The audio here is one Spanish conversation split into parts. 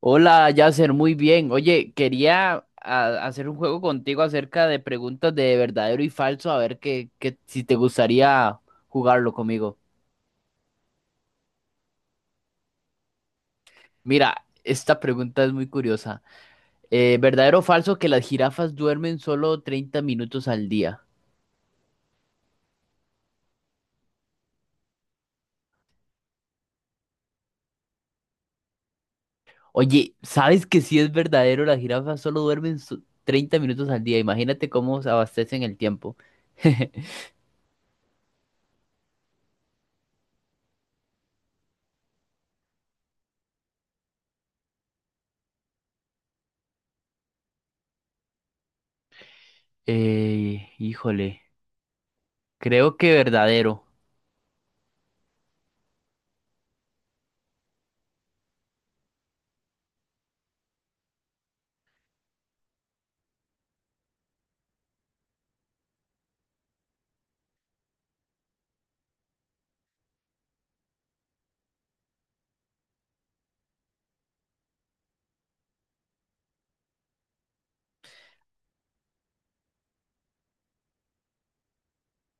Hola, Yasser, muy bien. Oye, quería hacer un juego contigo acerca de preguntas de verdadero y falso, a ver si te gustaría jugarlo conmigo. Mira, esta pregunta es muy curiosa. ¿Verdadero o falso que las jirafas duermen solo 30 minutos al día? Oye, ¿sabes que si es verdadero? Las jirafas solo duermen 30 minutos al día. Imagínate cómo se abastecen el tiempo. Híjole, creo que verdadero.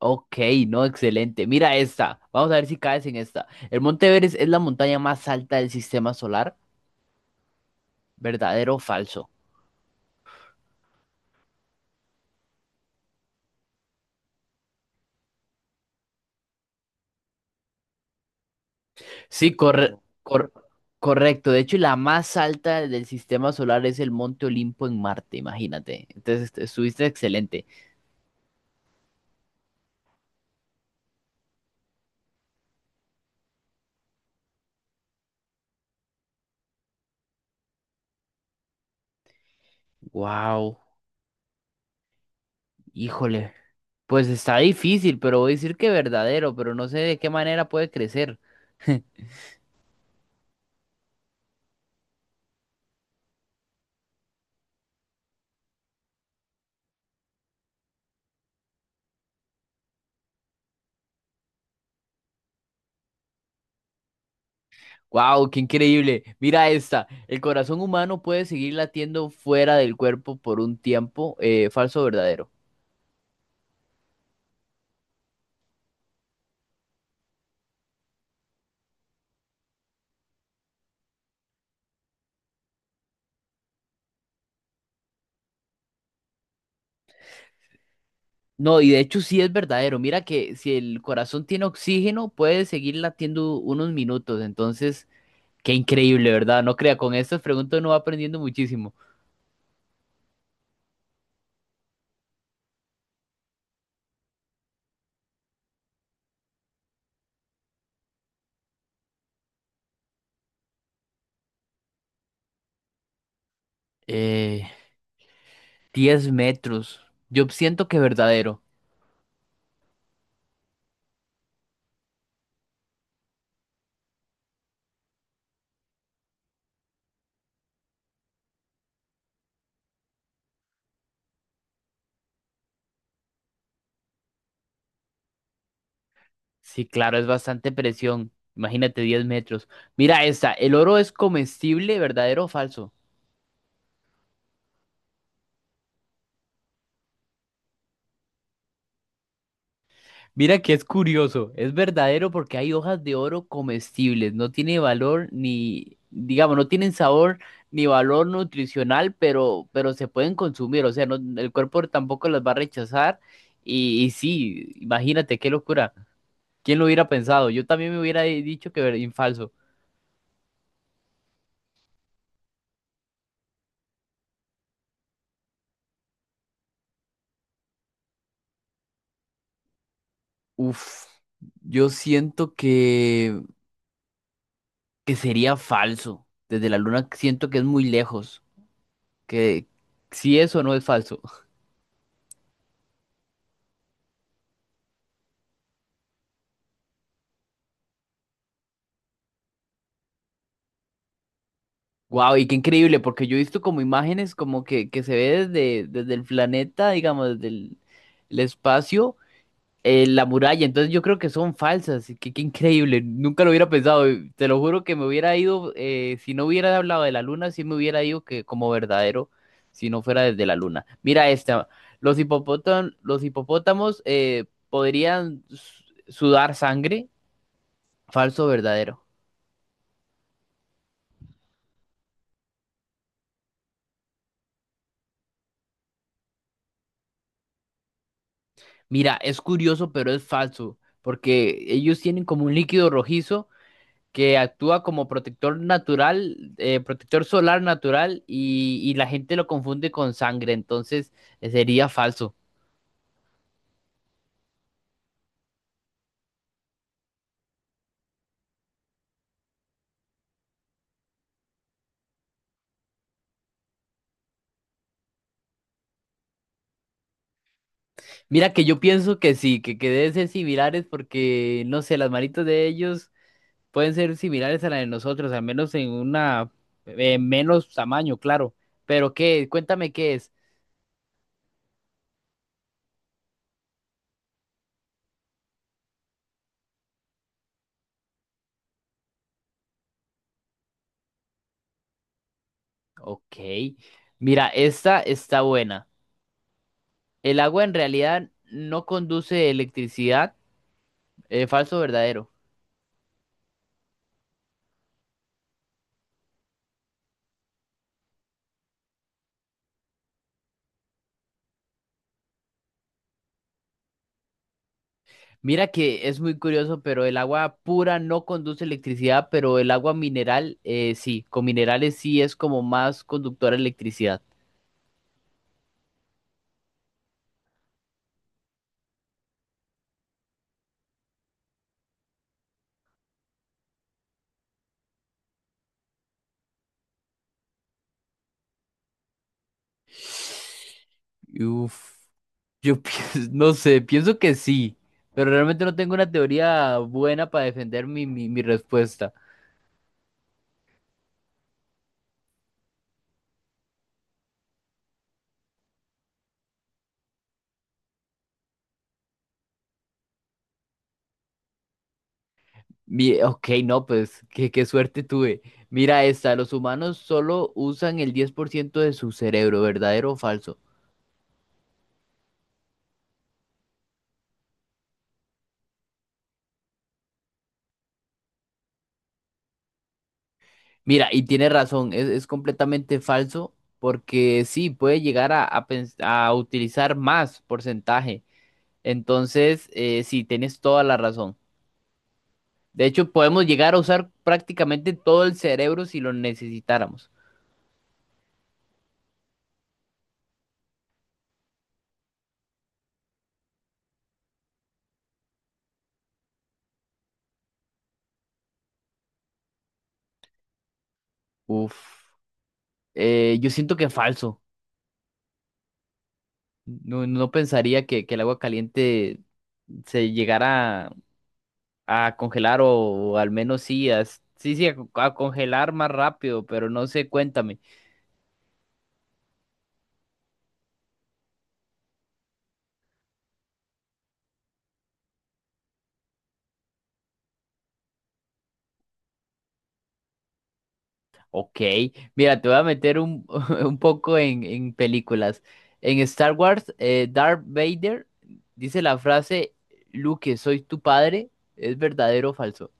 Ok, no, excelente. Mira esta. Vamos a ver si caes en esta. El Monte Everest es la montaña más alta del sistema solar. ¿Verdadero o falso? Sí, cor- correcto. De hecho, la más alta del sistema solar es el Monte Olimpo en Marte, imagínate. Entonces, estuviste excelente. Wow, híjole. Pues está difícil, pero voy a decir que verdadero, pero no sé de qué manera puede crecer. Wow, qué increíble. Mira esta. El corazón humano puede seguir latiendo fuera del cuerpo por un tiempo. ¿Falso o verdadero? No, y de hecho sí es verdadero. Mira que si el corazón tiene oxígeno, puede seguir latiendo unos minutos. Entonces, qué increíble, ¿verdad? No crea, con estas preguntas uno va aprendiendo muchísimo. Eh, 10 metros. Yo siento que verdadero. Sí, claro, es bastante presión. Imagínate 10 metros. Mira esta. ¿El oro es comestible, verdadero o falso? Mira que es curioso, es verdadero porque hay hojas de oro comestibles, no tiene valor ni, digamos, no tienen sabor ni valor nutricional, pero se pueden consumir, o sea, el cuerpo tampoco las va a rechazar y sí, imagínate qué locura, ¿quién lo hubiera pensado? Yo también me hubiera dicho que falso. Uf, yo siento que sería falso, desde la luna siento que es muy lejos, que si eso no es falso. Wow, y qué increíble, porque yo he visto como imágenes como que se ve desde el planeta, digamos, desde el espacio, la muralla, entonces yo creo que son falsas, y qué, qué increíble, nunca lo hubiera pensado, y te lo juro que me hubiera ido, si no hubiera hablado de la luna, sí me hubiera ido que como verdadero, si no fuera desde la luna. Mira esta, los hipopótamos, podrían sudar sangre, ¿falso o verdadero? Mira, es curioso, pero es falso, porque ellos tienen como un líquido rojizo que actúa como protector natural, protector solar natural, y la gente lo confunde con sangre, entonces sería falso. Mira que yo pienso que sí, que deben ser similares porque, no sé, las manitos de ellos pueden ser similares a las de nosotros, al menos en una menos tamaño, claro. Pero qué, cuéntame qué es. Ok, mira, esta está buena. El agua en realidad no conduce electricidad, ¿falso o verdadero? Mira que es muy curioso, pero el agua pura no conduce electricidad, pero el agua mineral sí, con minerales sí es como más conductora de electricidad. Uf, yo pienso, no sé, pienso que sí, pero realmente no tengo una teoría buena para defender mi respuesta. Ok, no, pues qué, qué suerte tuve. Mira esta, los humanos solo usan el 10% de su cerebro, ¿verdadero o falso? Mira, y tiene razón, es completamente falso porque sí, puede llegar a utilizar más porcentaje. Entonces, sí, tienes toda la razón. De hecho, podemos llegar a usar prácticamente todo el cerebro si lo necesitáramos. Uf, yo siento que es falso. No, no pensaría que el agua caliente se llegara a congelar o, al menos sí, sí, sí, a congelar más rápido, pero no sé, cuéntame. Ok, mira, te voy a meter un poco en películas. En Star Wars, Darth Vader dice la frase, Luke, soy tu padre. ¿Es verdadero o falso?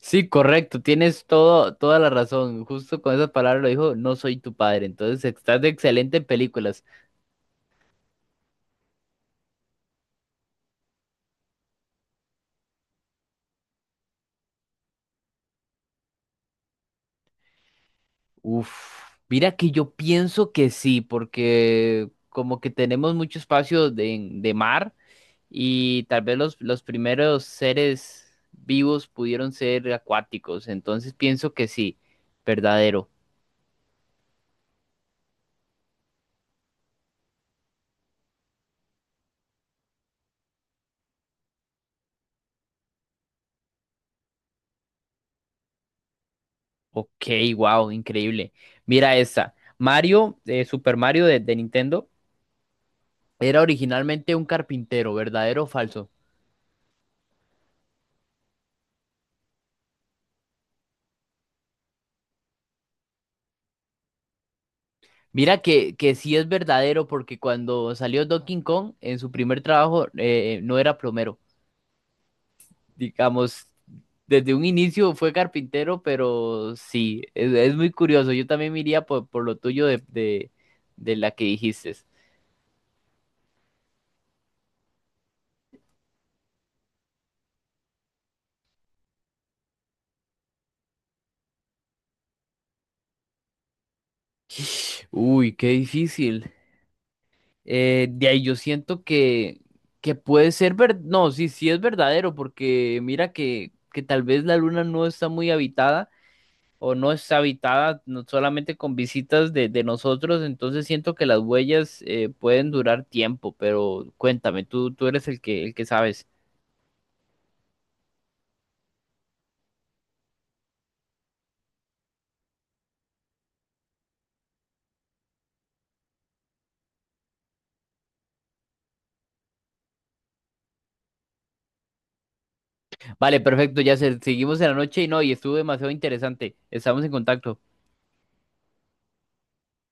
Sí, correcto, tienes todo, toda la razón. Justo con esas palabras lo dijo, no soy tu padre. Entonces, estás de excelente en películas. Uf, mira que yo pienso que sí, porque como que tenemos mucho espacio de mar. Y tal vez los primeros seres vivos pudieron ser acuáticos. Entonces pienso que sí, verdadero. Ok, wow, increíble. Mira esta. Mario, Super Mario de Nintendo, era originalmente un carpintero, ¿verdadero o falso? Mira que sí es verdadero porque cuando salió Donkey Kong, en su primer trabajo no era plomero. Digamos, desde un inicio fue carpintero, pero sí, es muy curioso. Yo también me iría por lo tuyo de la que dijiste. Uy, qué difícil. De ahí yo siento que puede ser ver No, sí, sí es verdadero, porque mira que tal vez la luna no está muy habitada o no está habitada no solamente con visitas de nosotros, entonces siento que las huellas pueden durar tiempo, pero cuéntame, tú eres el que sabes. Vale, perfecto, ya seguimos en la noche y no, y estuvo demasiado interesante. Estamos en contacto.